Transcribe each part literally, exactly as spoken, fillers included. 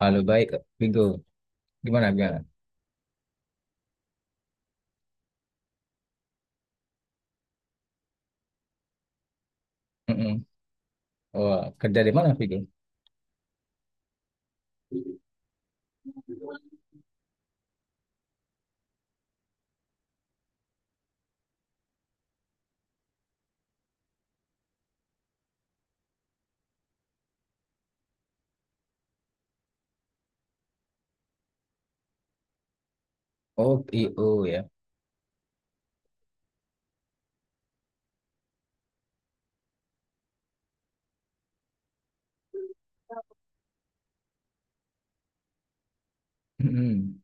Halo, baik, Vigo. Gimana, gimana? Mm-mm. Oh, kerja di mana, Vigo? Oh, P O ya. Mm-mm.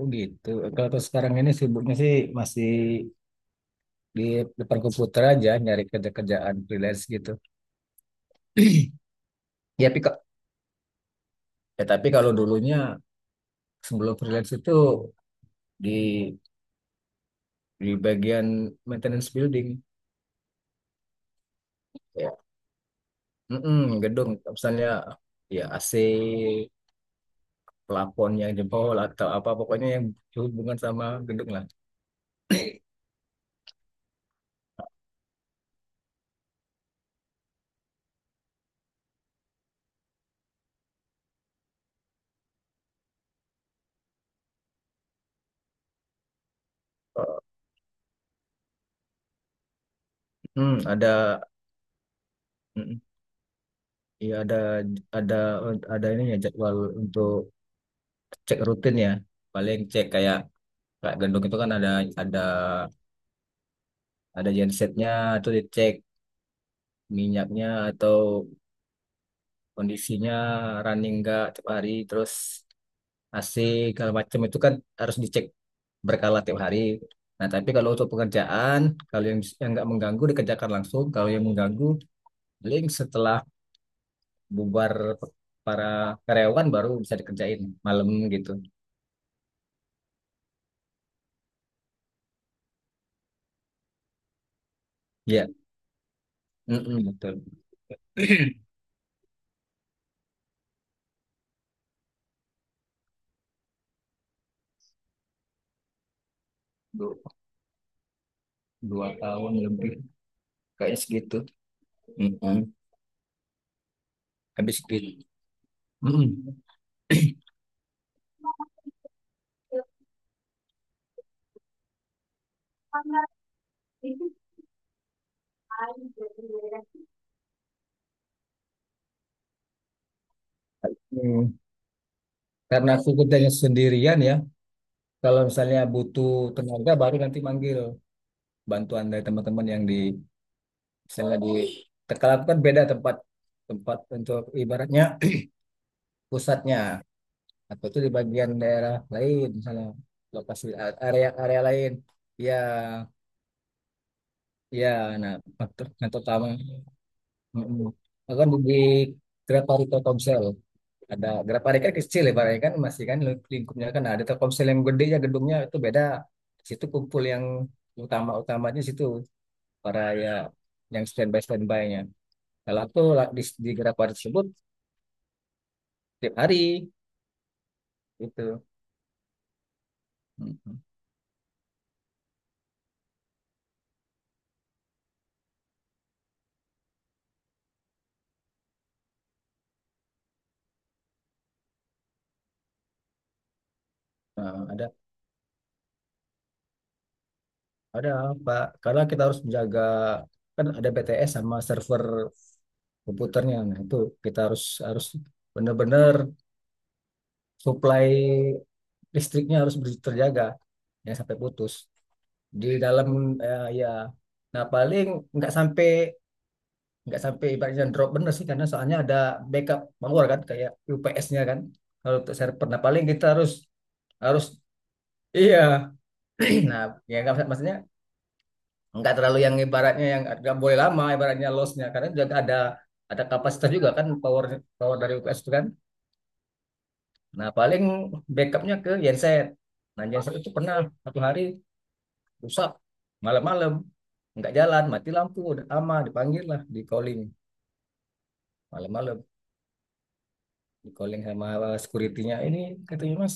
Oh gitu. Kalau tuh sekarang ini sibuknya sih masih di depan komputer aja nyari kerja-kerjaan freelance gitu. Ya, tapi, ka- ya, tapi kalau dulunya sebelum freelance itu di di bagian maintenance building ya. Mm-mm, gedung misalnya ya A C, plafon yang jebol atau apa pokoknya yang berhubungan sama gedung lah. Hmm, ada, mm, iya, ada ada ada ini ya jadwal untuk cek rutin ya. Paling cek kayak kayak gendong itu kan ada ada ada gensetnya, itu dicek minyaknya atau kondisinya running nggak tiap hari. Terus A C segala macam itu kan harus dicek berkala tiap hari. Nah, tapi kalau untuk pekerjaan, kalau yang yang nggak mengganggu dikerjakan langsung. Kalau yang mengganggu, paling setelah bubar para karyawan baru bisa dikerjain malam gitu. Ya, mm-mm, betul. Du- Dua tahun lebih kayaknya segitu. Mm-mm. Habis gitu. Mm-mm. Mm. Karena aku kerjanya sendirian ya. Kalau misalnya butuh tenaga baru nanti manggil bantuan dari teman-teman yang di misalnya di Tekala kan beda tempat, tempat untuk ibaratnya pusatnya atau itu di bagian daerah lain, misalnya lokasi area-area lain. Ya. Ya, nah faktor yang pertama, mm Bahkan di Graparita Telkomsel, ada Graparita kan kecil ya, barangnya kan masih kan lingkupnya kan. Nah, ada Telkomsel yang gede ya, gedungnya itu beda. Di situ kumpul yang utama-utamanya, di situ para ya yang standby standby-nya. Kalau aku la- di, di Graparita tersebut tiap hari gitu. Mm-mm. Nah, ada Ada Pak, karena kita harus menjaga kan ada B T S sama server komputernya. Nah, itu kita harus harus benar-benar supply listriknya harus ber- terjaga ya sampai putus. Di dalam eh, ya, nah paling nggak sampai nggak sampai ibaratnya drop bener sih, karena soalnya ada backup power kan kayak U P S-nya kan kalau untuk server. Nah, paling kita harus harus iya. Nah, ya nggak maksudnya nggak terlalu yang ibaratnya yang nggak boleh lama, ibaratnya lossnya, karena juga ada ada kapasitas juga kan, power power dari U K S itu kan. Nah paling backupnya ke genset. Nah, genset itu pernah satu hari rusak malam-malam nggak jalan, mati lampu udah aman, dipanggil lah, di calling malam-malam, di calling sama securitynya. Ini katanya mas,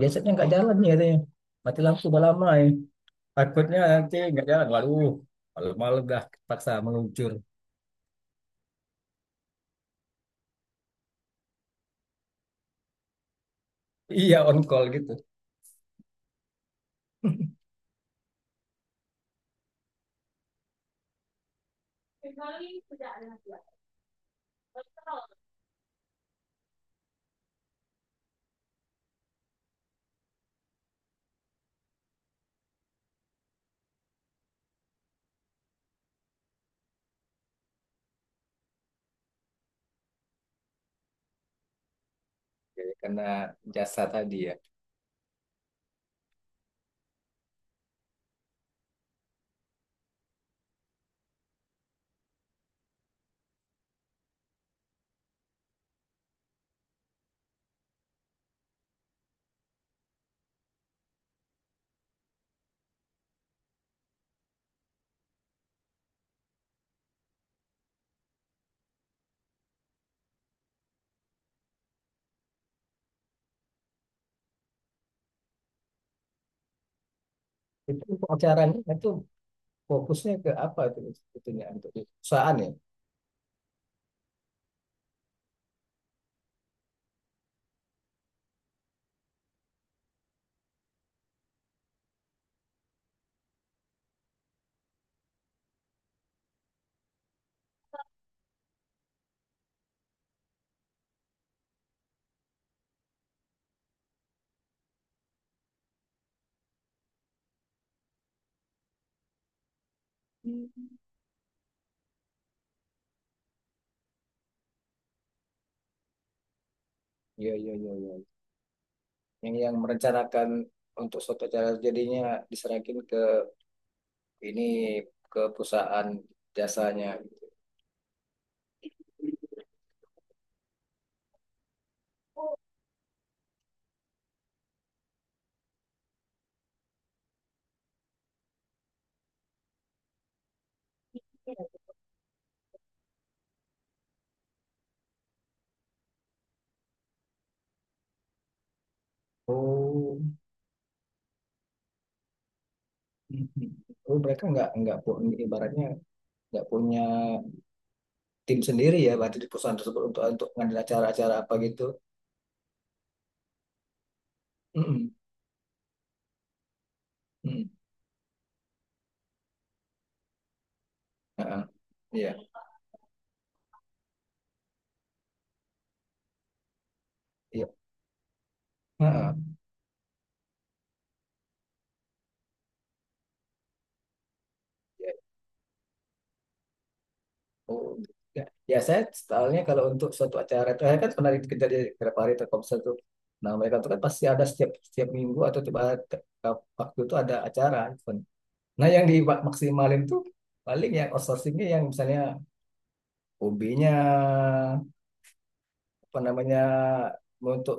gensetnya nggak jalan nih katanya, mati lampu udah lama ya, takutnya nanti nggak jalan. Waduh, malam-malam dah paksa meluncur, iya on call gitu. Jadi karena jasa tadi ya. Itu acaranya itu fokusnya ke apa itu sebetulnya, untuk di perusahaan ya? Iya, iya, iya, iya. Yang yang merencanakan untuk suatu acara jadinya diserahkan ke ini, ke perusahaan jasanya. Oh, mhm. Oh, mereka nggak nggak pu- ibaratnya nggak punya tim sendiri ya berarti di perusahaan tersebut, untuk untuk ngambil acara-acara apa gitu. Mhm, mhm. Heeh, iya. Iya. Heeh. Oh, ya, ya saya soalnya kalau untuk suatu acara itu, saya kan pernah kerja di beberapa hari Telkomsel tuh. Nah, mereka tuh kan pasti ada setiap setiap minggu atau tiap hari- tiap eh, waktu itu ada acara event. Nah, yang dimaksimalin tuh paling yang outsourcingnya, yang misalnya hobinya apa namanya untuk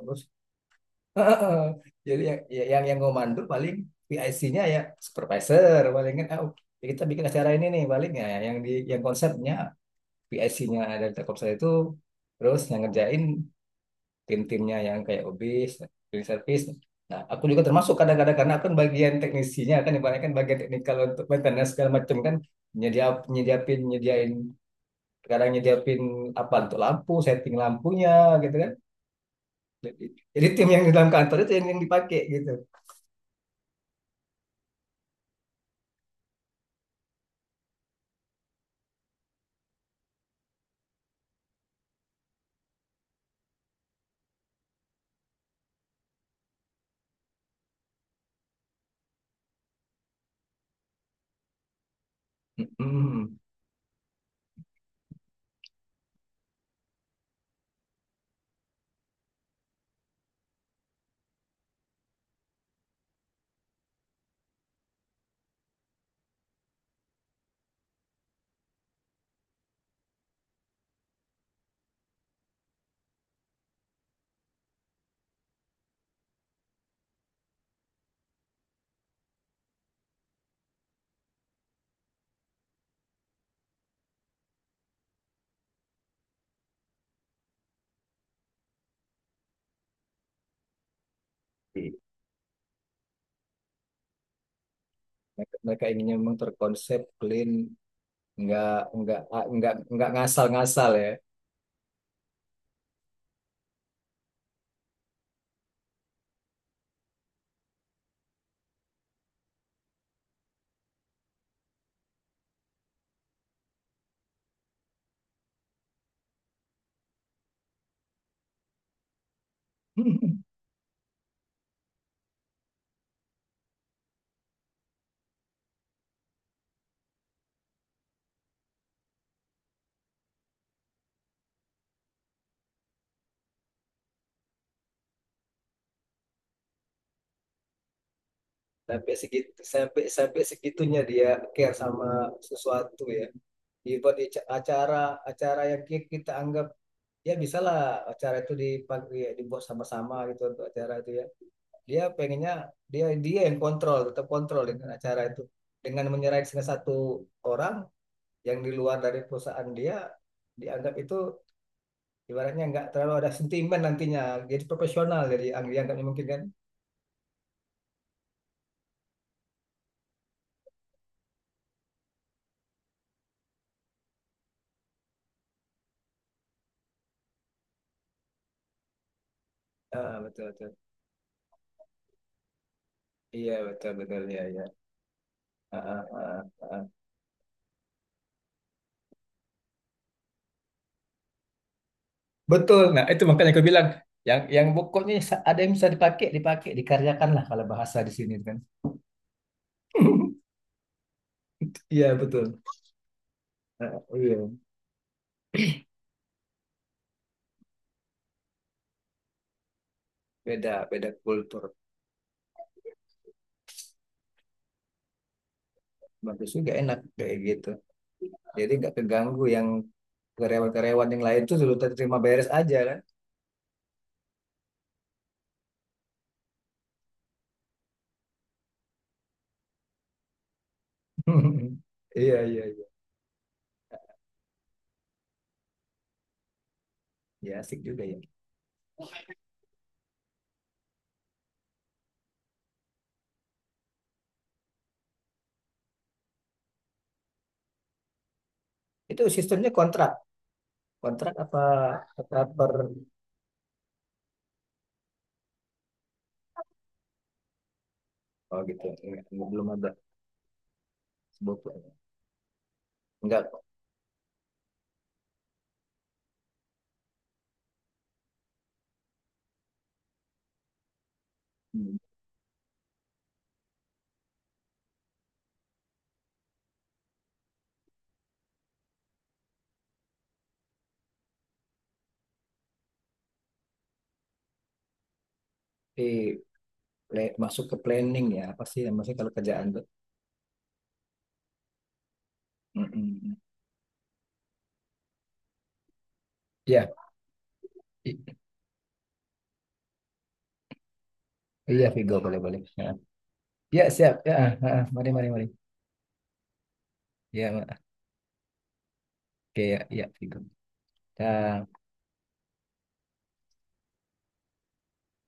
jadi yang ya, yang yang ngomandul paling P I C-nya ya, supervisor paling kan, ah, kita bikin acara ini nih, paling ya yang di, yang konsepnya P I C-nya dari Telkomsel itu, terus yang ngerjain tim-timnya yang kayak obis, cleaning service. Nah, aku juga termasuk kadang-kadang karena aku kan bagian teknisinya kan, ibaratnya kan bagian teknikal untuk maintenance segala macam kan, nyedia nyediapin, nyediain, sekarang nyediapin apa untuk lampu, setting lampunya gitu kan. Jadi tim yang di dalam kantor itu yang, yang dipakai gitu. Mm-mm. Mereka, mereka inginnya memang terkonsep clean, nggak nggak nggak nggak ngasal-ngasal ya. Sampai segitu, sampai sampai segitunya dia care sama sesuatu ya, dibuat acara, acara yang kita anggap ya bisalah, acara itu dipakai ya, dibuat sama-sama gitu untuk acara itu ya, dia pengennya dia dia yang kontrol, tetap kontrol dengan acara itu, dengan menyerahkan salah satu orang yang di luar dari perusahaan dia, dianggap itu ibaratnya nggak terlalu ada sentimen nantinya, jadi profesional, jadi ang- dianggapnya mungkin kan. Ah, betul betul. Iya, betul betul ya, ya. Heeh, heeh, heeh. Betul. Nah, itu makanya aku bilang, yang yang pokoknya sa- ada yang bisa dipakai, dipakai, dikaryakan lah kalau bahasa di sini kan. Iya, betul. Nah, iya, beda beda kultur. Bagus juga, enak kayak gitu. Jadi nggak keganggu yang karyawan-karyawan yang lain tuh, sudah terima beres aja kan. Iya, iya, iya. Ya, asik juga ya. Itu sistemnya kontrak. Kontrak apa, apa per. Oh gitu. Enggak, belum ada sebut. Enggak. Tapi pla- masuk ke planning ya, apa sih yang maksudnya kalau kerjaan tuh. Mm-mm. Ya, i- iya Vigo, boleh boleh ya. Ya, siap ya, ah, ah, ah. mari mari mari ya Ma. Oke ya, iya Vigo. Dah.